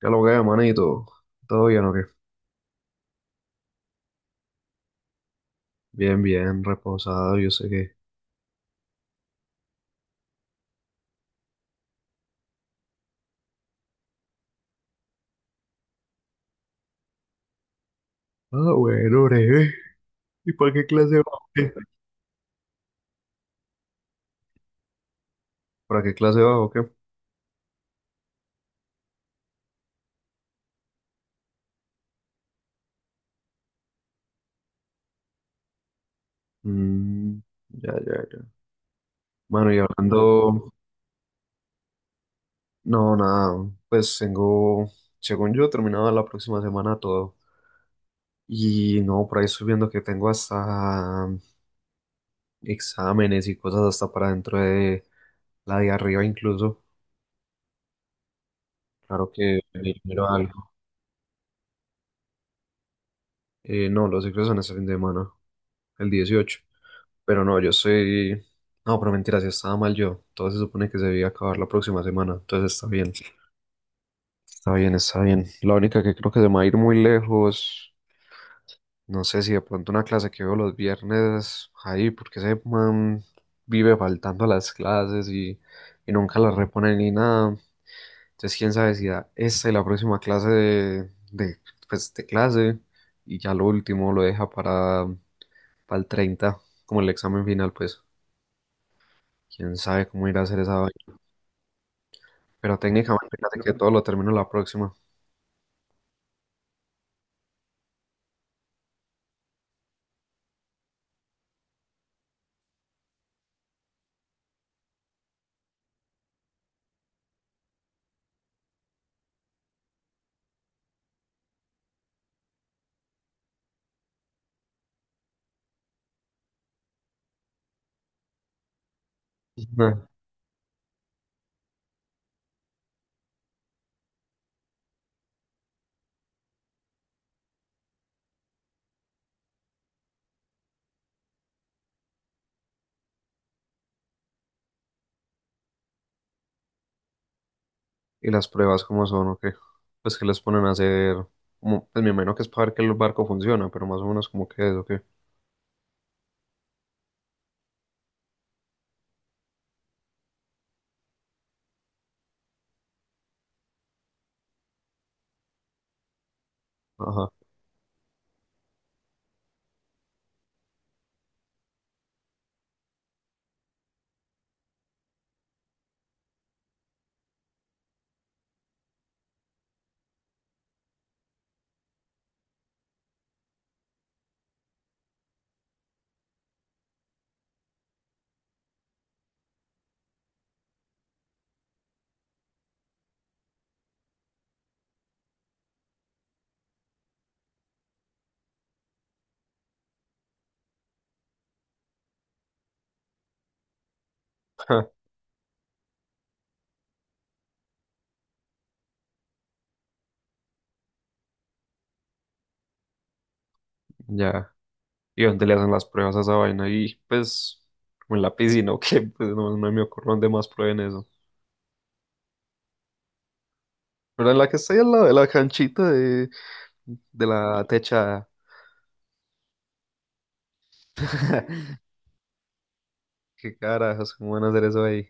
¿Qué lo que es, manito? ¿Todo bien o qué? Bien, bien, reposado, yo sé que... Ah, bueno, breve. ¿Y para qué clase va o qué? ¿Para qué clase va o qué? Mm, ya, ya, ya. Bueno, y hablando... No, nada, pues tengo... Según yo, terminado la próxima semana todo. Y no, por ahí estoy viendo que tengo hasta exámenes y cosas hasta para dentro de la de arriba incluso. Claro que primero algo. No, los exámenes salen de semana, el 18. Pero no, yo soy... No, pero mentira, si estaba mal yo. Todo se supone que se debía acabar la próxima semana. Entonces está bien. Está bien, está bien. La única que creo que se me va a ir muy lejos. No sé si de pronto una clase que veo los viernes ahí, porque ese man vive faltando a las clases y nunca las repone ni nada. Entonces, quién sabe si da esta y la próxima clase pues, de clase, y ya lo último lo deja para el 30, como el examen final, pues. Quién sabe cómo irá a hacer esa vaina. Pero técnicamente, fíjate que todo lo termino la próxima. Ujú. ¿Y las pruebas cómo son o qué? Pues que les ponen a hacer, como, pues me imagino que es para ver que el barco funciona, pero más o menos como que es o qué. Ajá, ya. ¿Y dónde le hacen las pruebas a esa vaina? Y pues, como en la piscina o qué, pues no, no me ocurre dónde más prueben eso. Pero en la que estoy al lado de la canchita de la techada. ¿Qué carajos? ¿Cómo van a hacer eso ahí?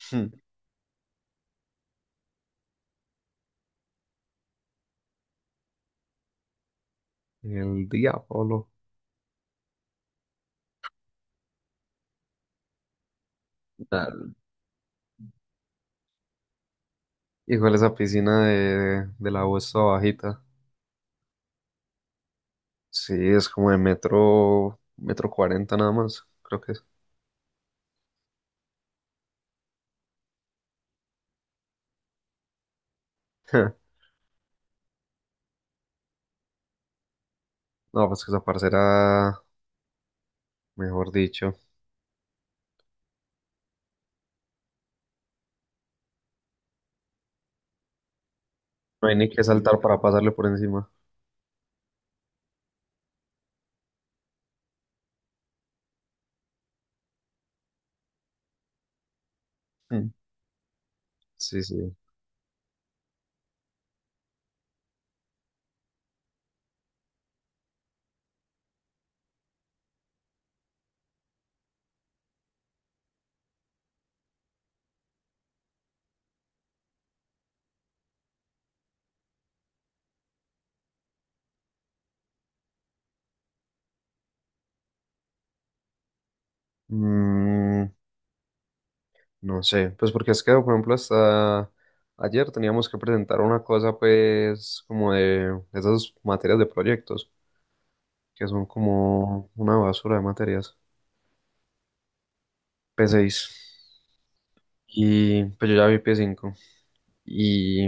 El diablo. Igual esa piscina de la U está bajita. Sí, es como de metro, metro cuarenta nada más, creo que es. No, pues que esa parcera, mejor dicho. No hay ni que saltar para pasarle por encima. Mm. Sí, sí. Mm, no sé, pues porque es que, por ejemplo, hasta ayer teníamos que presentar una cosa, pues, como de esas materias de proyectos, que son como una basura de materias. P6. Y pues yo ya vi P5. Y,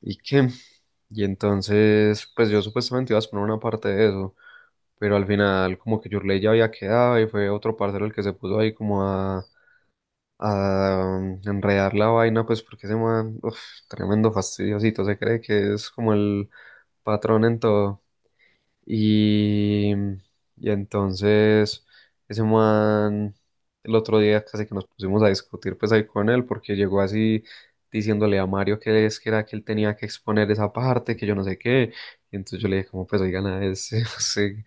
¿Y qué? Y entonces, pues yo supuestamente iba a poner una parte de eso, pero al final como que Yurley ya había quedado y fue otro parcero el que se puso ahí como a enredar la vaina, pues porque ese man, uf, tremendo fastidiosito, se cree que es como el patrón en todo. Y, y entonces ese man, el otro día casi que nos pusimos a discutir pues ahí con él porque llegó así diciéndole a Mario que es que era que él tenía que exponer esa parte, que yo no sé qué. Y entonces yo le dije como pues oigan a ese, ese,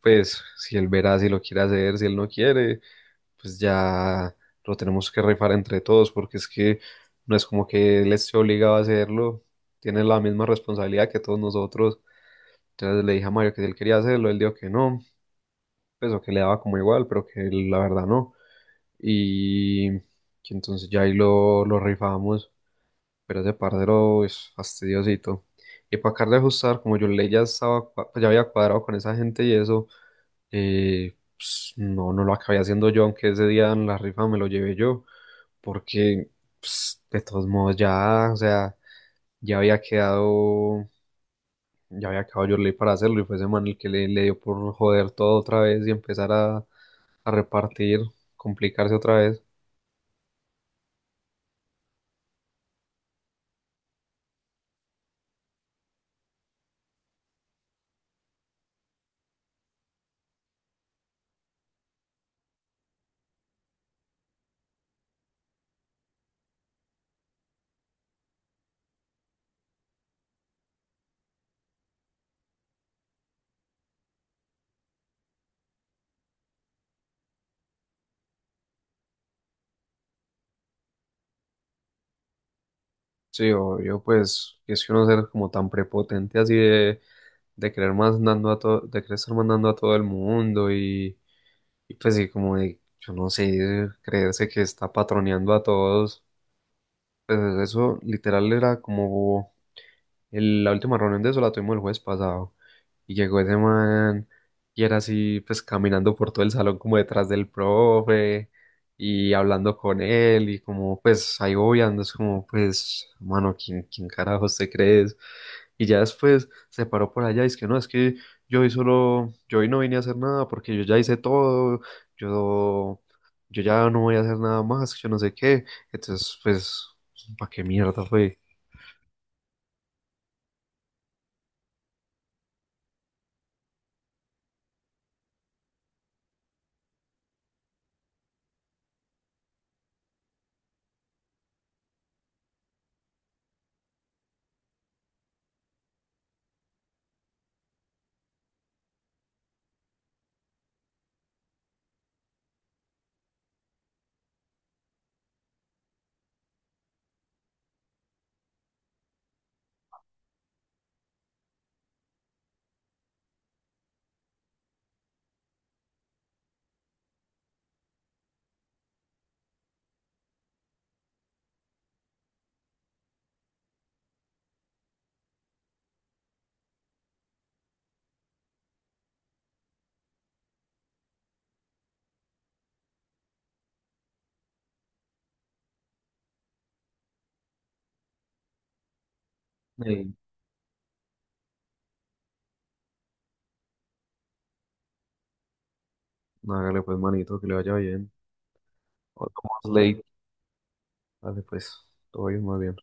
pues si él verá si lo quiere hacer, si él no quiere, pues ya lo tenemos que rifar entre todos porque es que no es como que él esté obligado a hacerlo, tiene la misma responsabilidad que todos nosotros. Entonces le dije a Mario que si él quería hacerlo, él dijo que no, pues o que le daba como igual, pero que él, la verdad no. Y que entonces ya ahí lo rifamos, pero ese parcero es fastidiosito. Y para acabar de ajustar, como yo le ya estaba, pues, ya había cuadrado con esa gente y eso, pues, no, no lo acabé haciendo yo, aunque ese día en la rifa me lo llevé yo, porque pues, de todos modos ya, o sea, ya había quedado, ya había acabado yo ley para hacerlo y fue ese man el que le dio por joder todo otra vez y empezar a repartir, complicarse otra vez. Sí, obvio, pues es que uno ser como tan prepotente así de querer mandando a todo, de querer estar mandando a todo el mundo y pues sí, como de, yo no sé, creerse que está patroneando a todos. Pues eso literal era como la última reunión de eso la tuvimos el jueves pasado. Y llegó ese man y era así, pues caminando por todo el salón como detrás del profe y hablando con él y como pues ahí obviando, es como pues, mano, ¿quién, quién carajos te crees? Y ya después se paró por allá y es que no, es que yo hoy solo, yo hoy no vine a hacer nada porque yo ya hice todo, yo, yo ya no voy a hacer nada más, yo no sé qué. Entonces, pues, ¿para qué mierda fue? Hágale pues, manito, que le vaya bien. Hablamos Ley. Dale pues, todo bien, más bien.